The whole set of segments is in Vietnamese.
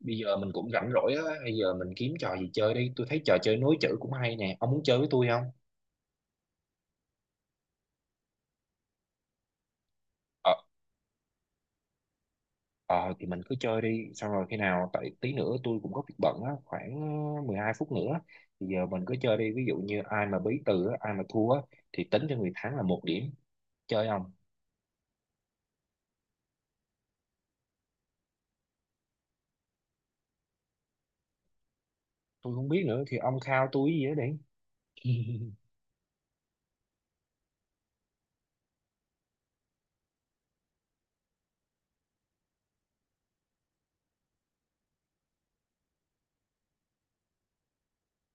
Bây giờ mình cũng rảnh rỗi á, bây giờ mình kiếm trò gì chơi đi. Tôi thấy trò chơi nối chữ cũng hay nè, ông muốn chơi với tôi không? Ờ. Ờ thì mình cứ chơi đi, xong rồi khi nào, tại tí nữa tôi cũng có việc bận á, khoảng 12 phút nữa. Thì giờ mình cứ chơi đi, ví dụ như ai mà bí từ á, ai mà thua á, thì tính cho người thắng là 1 điểm. Chơi không? Tôi không biết nữa, thì ông khao tôi gì đó đi.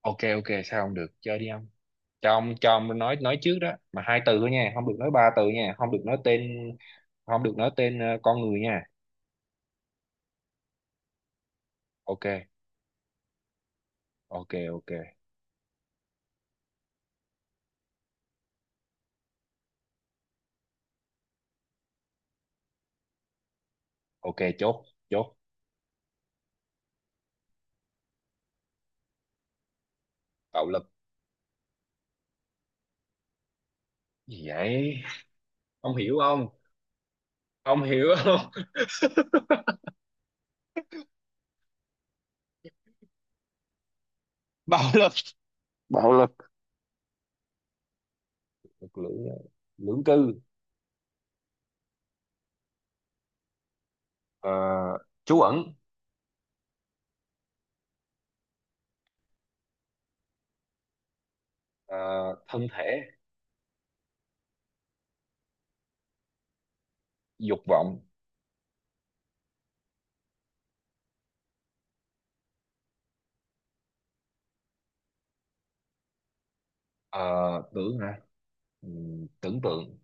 Ok ok, sao không được, chơi đi ông. Cho ông nói trước đó mà hai từ thôi nha, không được nói ba từ nha, không được nói tên. Không được nói tên con người nha. Ok ok. Ok ok chốt. Bạo lực. Gì vậy? Ông hiểu không? Ông hiểu không? Bạo lực lưỡng. Lưỡng cư. Ờ, trú ẩn. Ờ, thân thể. Dục vọng. Ờ, tưởng hả? Tưởng tượng.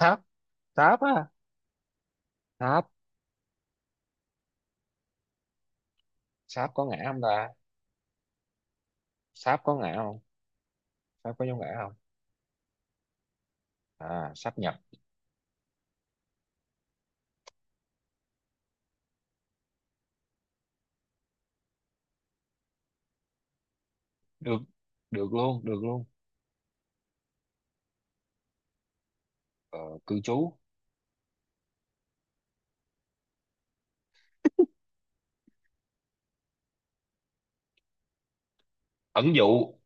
Sáp. Sáp á. Sáp. Sáp có ngã không ta? Sáp có ngã không? Sáp có dấu ngã không? À sáp nhập. Được luôn, được luôn. Ờ, cư trú. Ẩn dụ.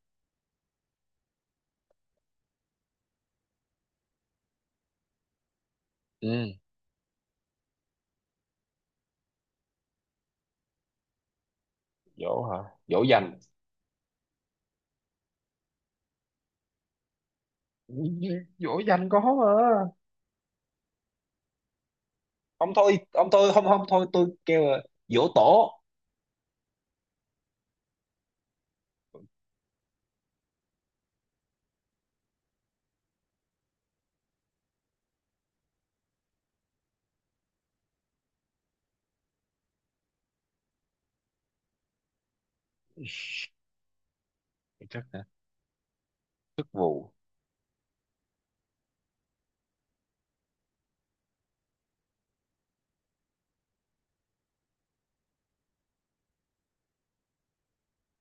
Dỗ hả? Dỗ dành. Dỗ dành có mà. Ông thôi, ông thôi, không không, thôi tôi kêu là dỗ tổ. Chắc hả? Chức vụ.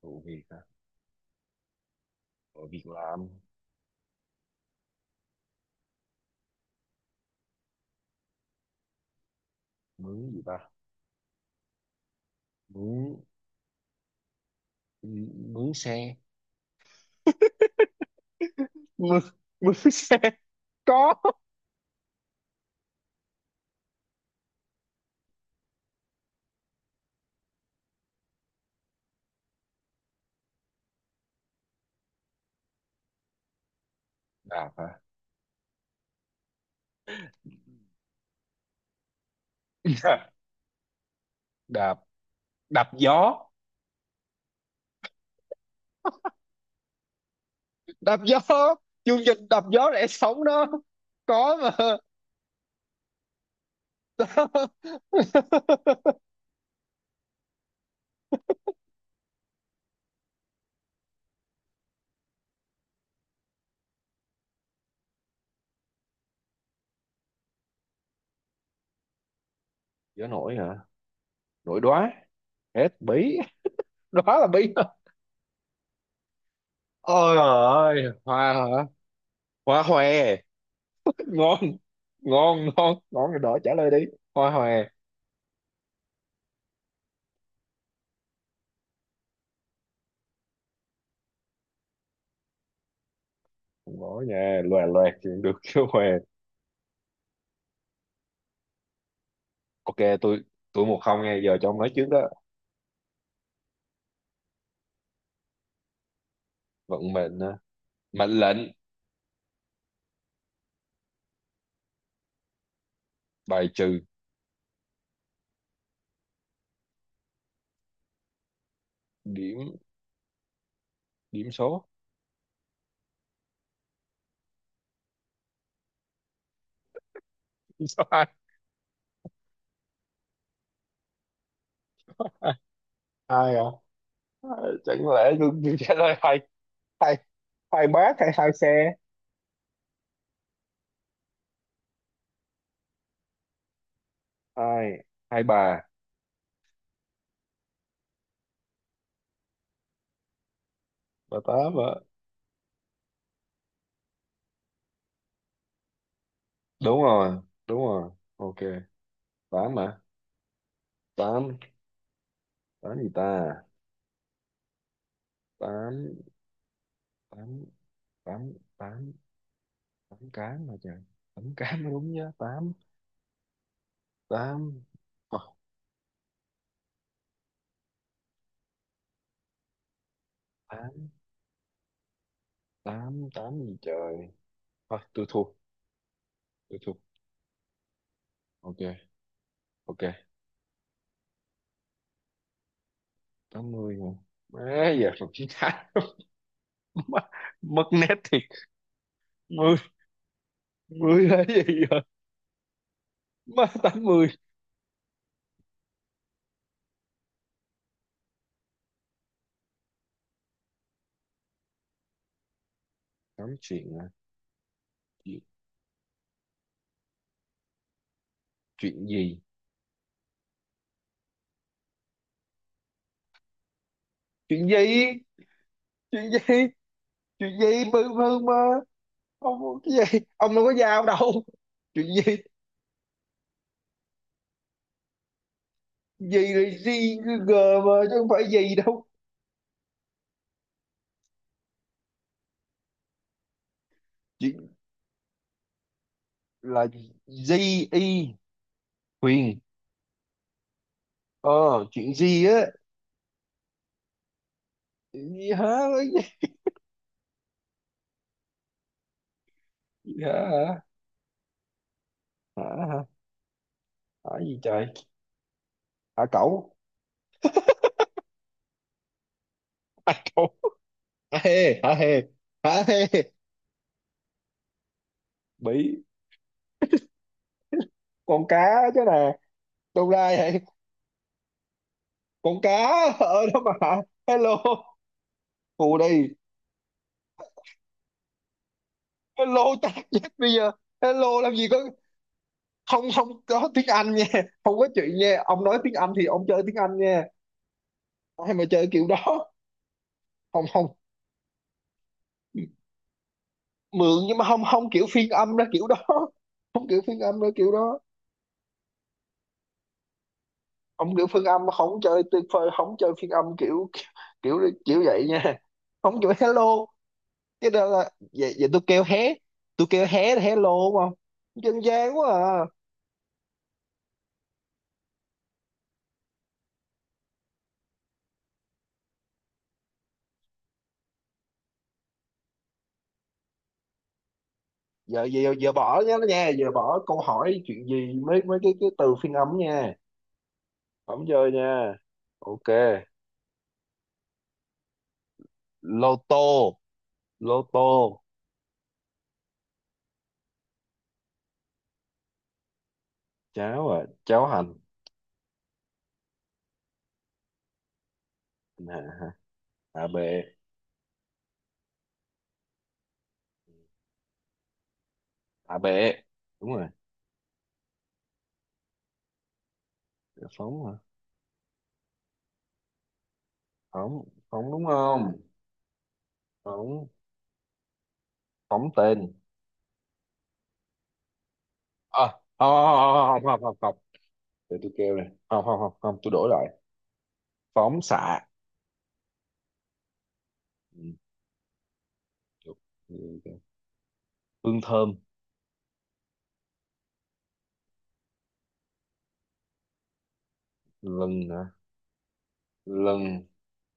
Vụ việc hả? Vụ việc làm. Mướn gì ta? Mướn. Mướn xe. Mà. Có. Đạp hả? Đạp. Đạp gió. Đạp gió, chương trình đạp gió lẽ sống đó. Có mà. Gió nổi hả? Nổi đóa. Hết bí. Đó là bí. Ôi trời ơi, hoa hả? Hoa hòe. Ngon. Ngon ngon ngon rồi đó, trả lời đi. Hoa hòe. Ngỏ nhà loè loẹt chuyện được chứ hòe. Ok Tôi 1-0, nghe, giờ cho ông nói trước đó. Vận mệnh hả? Mệnh lệnh. Bài trừ. Điểm. Điểm số. Điểm số hai. Hai. Hai à? Ờ, chẳng lẽ tôi trả lời hai. Hai. Hai bác hay hai xe. Hai. Hai bà. Bà tám à? Đúng rồi. Đúng rồi. Ok. Tám à? Tám. Tám gì ta? Tám. Tám. Tám tám. Tám cám mà trời. Tám cám mới đúng nhá. Tám. Tám. Ờ, tám. Tám tám gì trời. Thôi tôi thua. Tôi thua. 80 mà. Má giờ còn chín tám. Mất nét thì. 10. Mười là cái gì vậy? 80. Tám chuyện à? Chuyện. Chuyện gì? Chuyện gì? Chuyện gì? Chuyện gì mơ mơ mơ? Cái gì, ông đâu có dao đâu? Chuyện gì? Gì là gì g? Mà chứ không phải gì đâu. Chuyện. Là. Gì y? Huyền. Ờ, chuyện gì á. Chuyện gì hả? Cái. Gì hả? Hả. Hả. Hả gì trời? Hả cẩu. Cẩu. Hả hê, hả hê. Hả hê. Bị. Con cá. Chứ nè. Đâu ra vậy? Con cá. Ở đó mà. Hello. Phù đi. Hello tát chết bây giờ. Hello làm gì có. Không có tiếng Anh nha. Không có chuyện nha, ông nói tiếng Anh thì ông chơi tiếng Anh nha. Ai mà chơi kiểu đó. Không không. Mượn nhưng mà không không kiểu phiên âm ra kiểu đó. Không kiểu phiên âm ra kiểu đó. Ông kiểu phiên âm không chơi tuyệt vời, không chơi phiên âm kiểu, kiểu, kiểu vậy nha. Không kiểu hello. Cái đó là vậy, vậy tôi kêu hé. Tôi kêu hé là hello đúng không? Dân gian quá à. Giờ giờ giờ bỏ nhá nha, giờ bỏ câu hỏi chuyện gì, mấy mấy cái từ phiên âm nha. Không chơi nha. Ok. Lô tô. Lô tô. Cháo à? Cháo hành. À, à bệ. À bệ đúng rồi. Phóng hả? Phóng đúng không? Phóng. Phóng tên. À, không không. Không không không không. Để tôi kêu này, không không không không, tôi đổi lại. Phóng xạ. Hương thơm. Lần hả? Lần.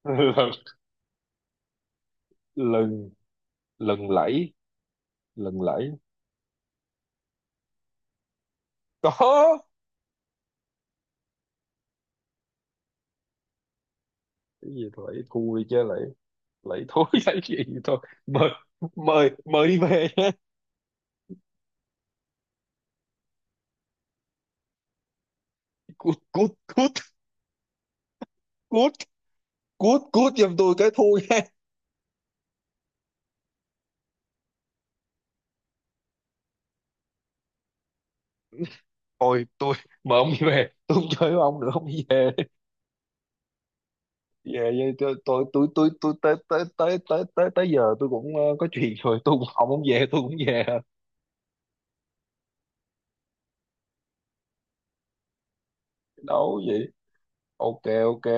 Lần. Lần. Lần Lẫy. Lần lẫy. Có. Cái gì vậy, thui chứ lại. Lại thối. Cái gì. Thôi. Mời. Mời đi về nha. Cút cút cút. Cút. Cút cút giùm tôi cái thui nha. Thôi tôi. Mời ông đi về, tôi không chơi với ông nữa, ông đi về. Đi về đi. Tôi tới tới tới tới tới tới giờ tôi cũng có chuyện rồi, tôi cũng, ông không về tôi cũng về. Đấu vậy. Ok ok.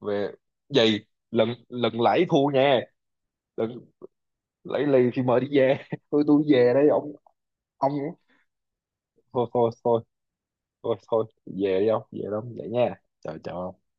Về. Vậy lần lần lãi thua nha. Lần. Lãi lì thì mời đi về. Tôi về đây ông. Thôi thôi thôi thôi thôi. Về đi ông, về đâu vậy nha. Chào chào ông.